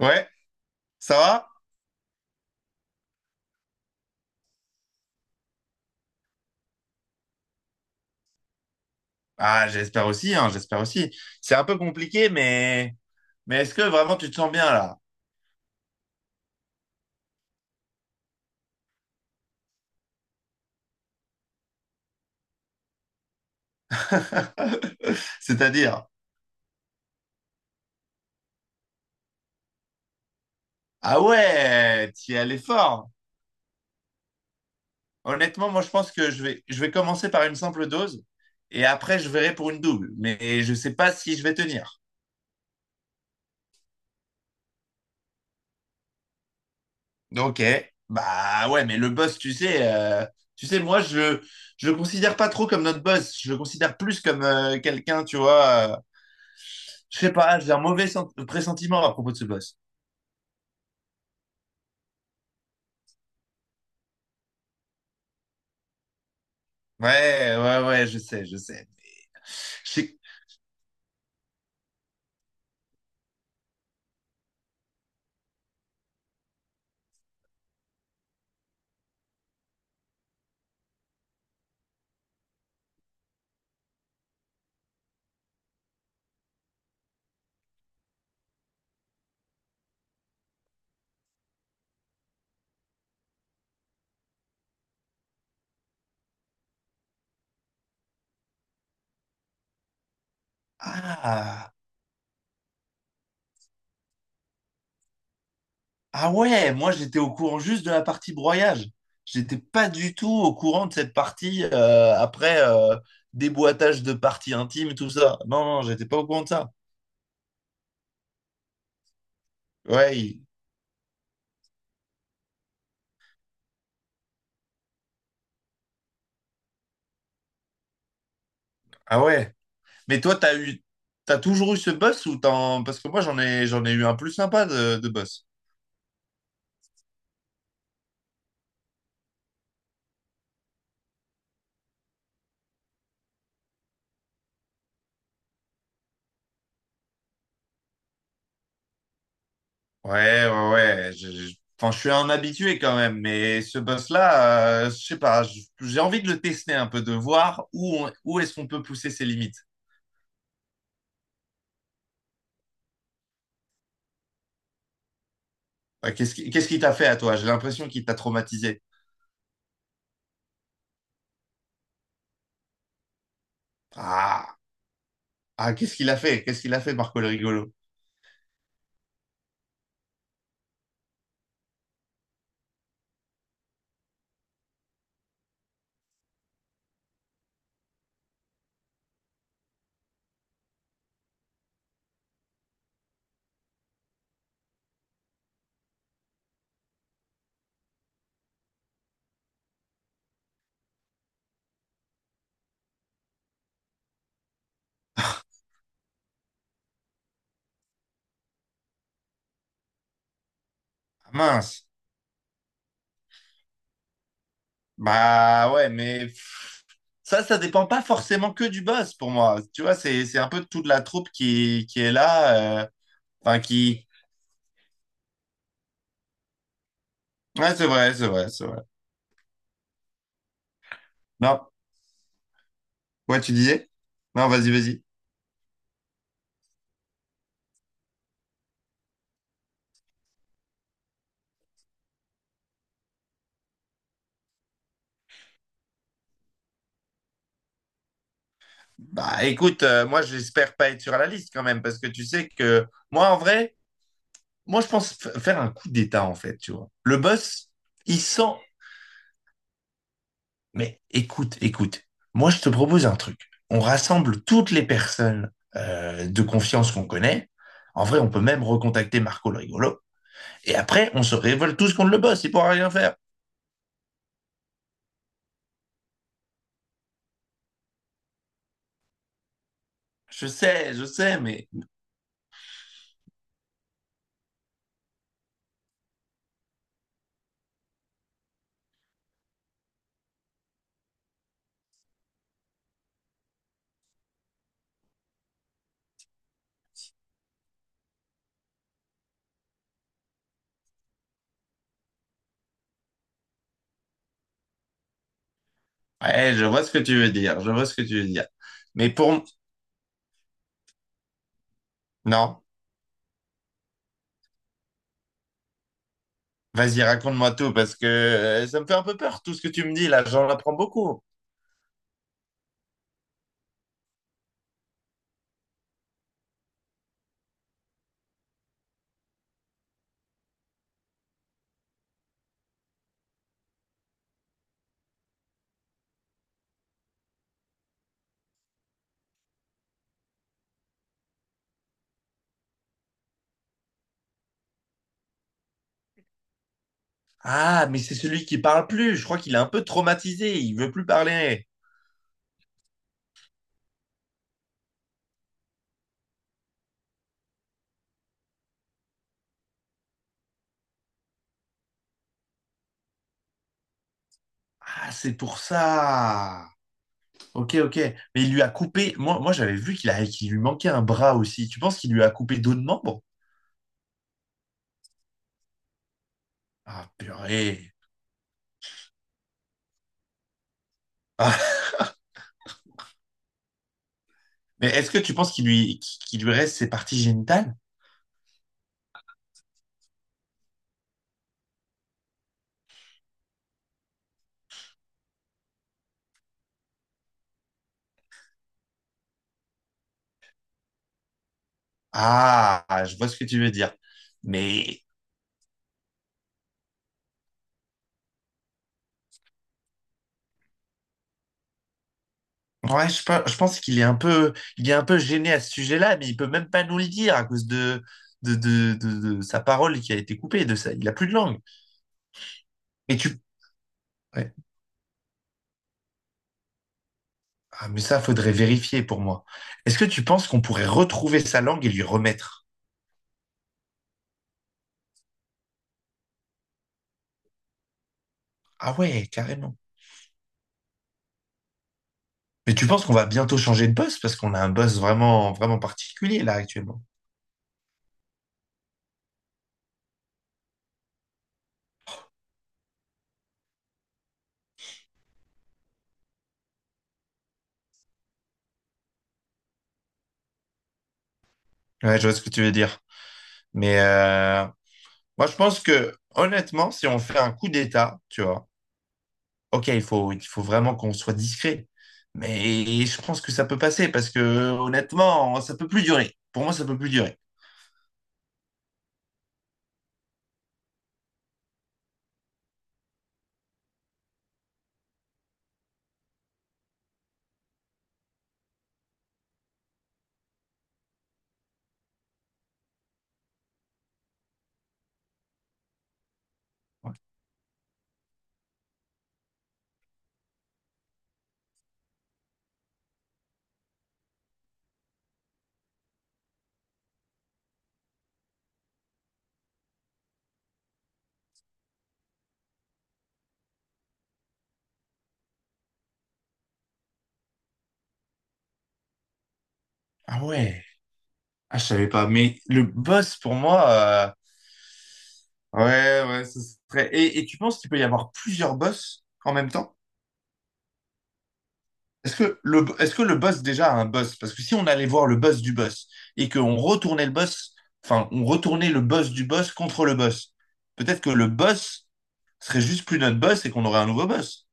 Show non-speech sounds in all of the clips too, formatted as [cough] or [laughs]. Ouais, ça va? Ah, j'espère aussi, hein, j'espère aussi. C'est un peu compliqué, mais est-ce que vraiment tu te sens bien là? [laughs] C'est-à-dire, ah ouais, tu es allé fort. Honnêtement, moi je pense que je vais, commencer par une simple dose et après je verrai pour une double. Mais je sais pas si je vais tenir. Ok, bah ouais, mais le boss, tu sais, je le considère pas trop comme notre boss. Je le considère plus comme quelqu'un, tu vois. Je sais pas, j'ai un pressentiment à propos de ce boss. Ouais, ouais, ouais, je sais, je sais. Je sais- Ah, ah ouais, moi j'étais au courant juste de la partie broyage. J'étais pas du tout au courant de cette partie après déboîtage de parties intimes, tout ça. Non, non, j'étais pas au courant de ça. Ouais, il- ah ouais. Mais toi, t'as toujours eu ce boss ou t'en... Parce que j'en ai eu un plus sympa de boss. Ouais, ouais, ouais. Enfin, je suis un habitué quand même, mais ce boss-là, je sais pas, je- j'ai envie de le tester un peu, de voir où est-ce qu'on peut pousser ses limites. Qu'est-ce qu'il t'a fait à toi? J'ai l'impression qu'il t'a traumatisé. Ah, ah, qu'est-ce qu'il a fait? Qu'est-ce qu'il a fait, Marco le rigolo? Ah, mince. Bah ouais, mais pff, ça dépend pas forcément que du boss pour moi. Tu vois, c'est un peu toute la troupe qui est là, enfin qui. Ouais, c'est vrai, c'est vrai, c'est vrai. Non, ouais, tu disais? Non, vas-y, vas-y. Bah écoute, moi j'espère pas être sur la liste quand même, parce que tu sais que moi en vrai, moi je faire un coup d'État en fait, tu vois. Le boss, il sent... Mais écoute, écoute, moi je te propose un truc. On rassemble toutes les personnes de confiance qu'on connaît. En vrai, on peut même recontacter Marco le rigolo. Et après, on se révolte tous contre le boss, il pourra rien faire. Je sais, mais... Ouais, je vois ce que tu veux dire, je vois ce que tu veux dire. Mais pour... Non. Vas-y, raconte-moi tout, parce que ça me fait un peu peur, tout ce que tu me dis là, j'en apprends beaucoup. Ah, mais c'est celui qui parle plus, je crois qu'il est un peu traumatisé, il veut plus parler. Ah, c'est pour ça. Ok, ok. Mais il lui a coupé, moi, moi j'avais vu qu'il a... qu'il lui manquait un bras aussi. Tu penses qu'il lui a coupé d'autres membres? Ah, purée. Ah, mais est-ce que tu penses qu'il lui reste ses parties génitales? Ah, je vois ce que tu veux dire. Mais ouais, je pense qu'il est un peu, il est un peu gêné à ce sujet-là, mais il peut même pas nous le dire à cause de sa parole qui a été coupée, de ça. Il a plus de langue. Mais tu, ouais. Ah, mais ça, faudrait vérifier pour moi. Est-ce que tu penses qu'on pourrait retrouver sa langue et lui remettre? Ah ouais, carrément. Mais tu penses qu'on va bientôt changer de boss parce qu'on a un boss vraiment, vraiment particulier là actuellement. Ouais, je vois ce que tu veux dire. Mais moi, je pense que honnêtement, si on fait un coup d'État, tu vois. Ok, il faut vraiment qu'on soit discret. Mais je pense que ça peut passer parce que honnêtement, ça peut plus durer. Pour moi, ça peut plus durer. Ouais. Ah ouais. Ah, je savais pas. Mais le boss, pour moi, ouais, ouais, ça serait. Et tu penses qu'il peut y avoir plusieurs boss en même temps? Est-ce que le boss déjà a un boss? Parce que si on allait voir le boss du boss et qu'on retournait le boss, enfin, on retournait le boss du boss contre le boss, peut-être que le boss serait juste plus notre boss et qu'on aurait un nouveau boss.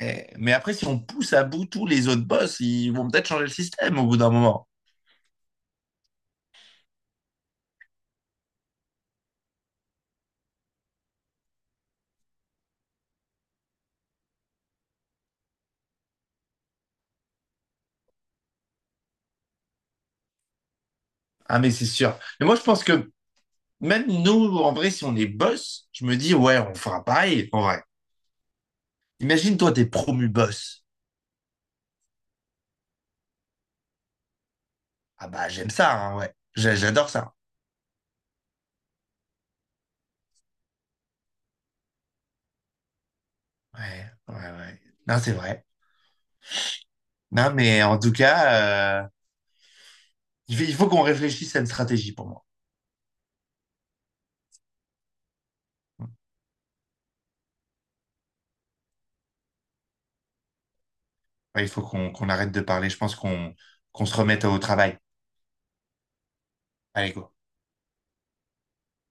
Eh, mais après, si on pousse à bout tous les autres boss, ils vont peut-être changer le système au bout d'un moment. Ah, mais c'est sûr. Mais moi, je pense que même nous, en vrai, si on est boss, je me dis, ouais, on fera pareil, en vrai. Imagine, toi, t'es promu boss. Ah bah, j'aime ça, hein, ouais. J'adore ça. Ouais, ouais, ouais. Non, c'est vrai. Non, mais en tout cas, il faut qu'on réfléchisse à une stratégie pour moi. Ouais, il faut qu'on arrête de parler. Je pense qu'on se remette au travail. Allez, go.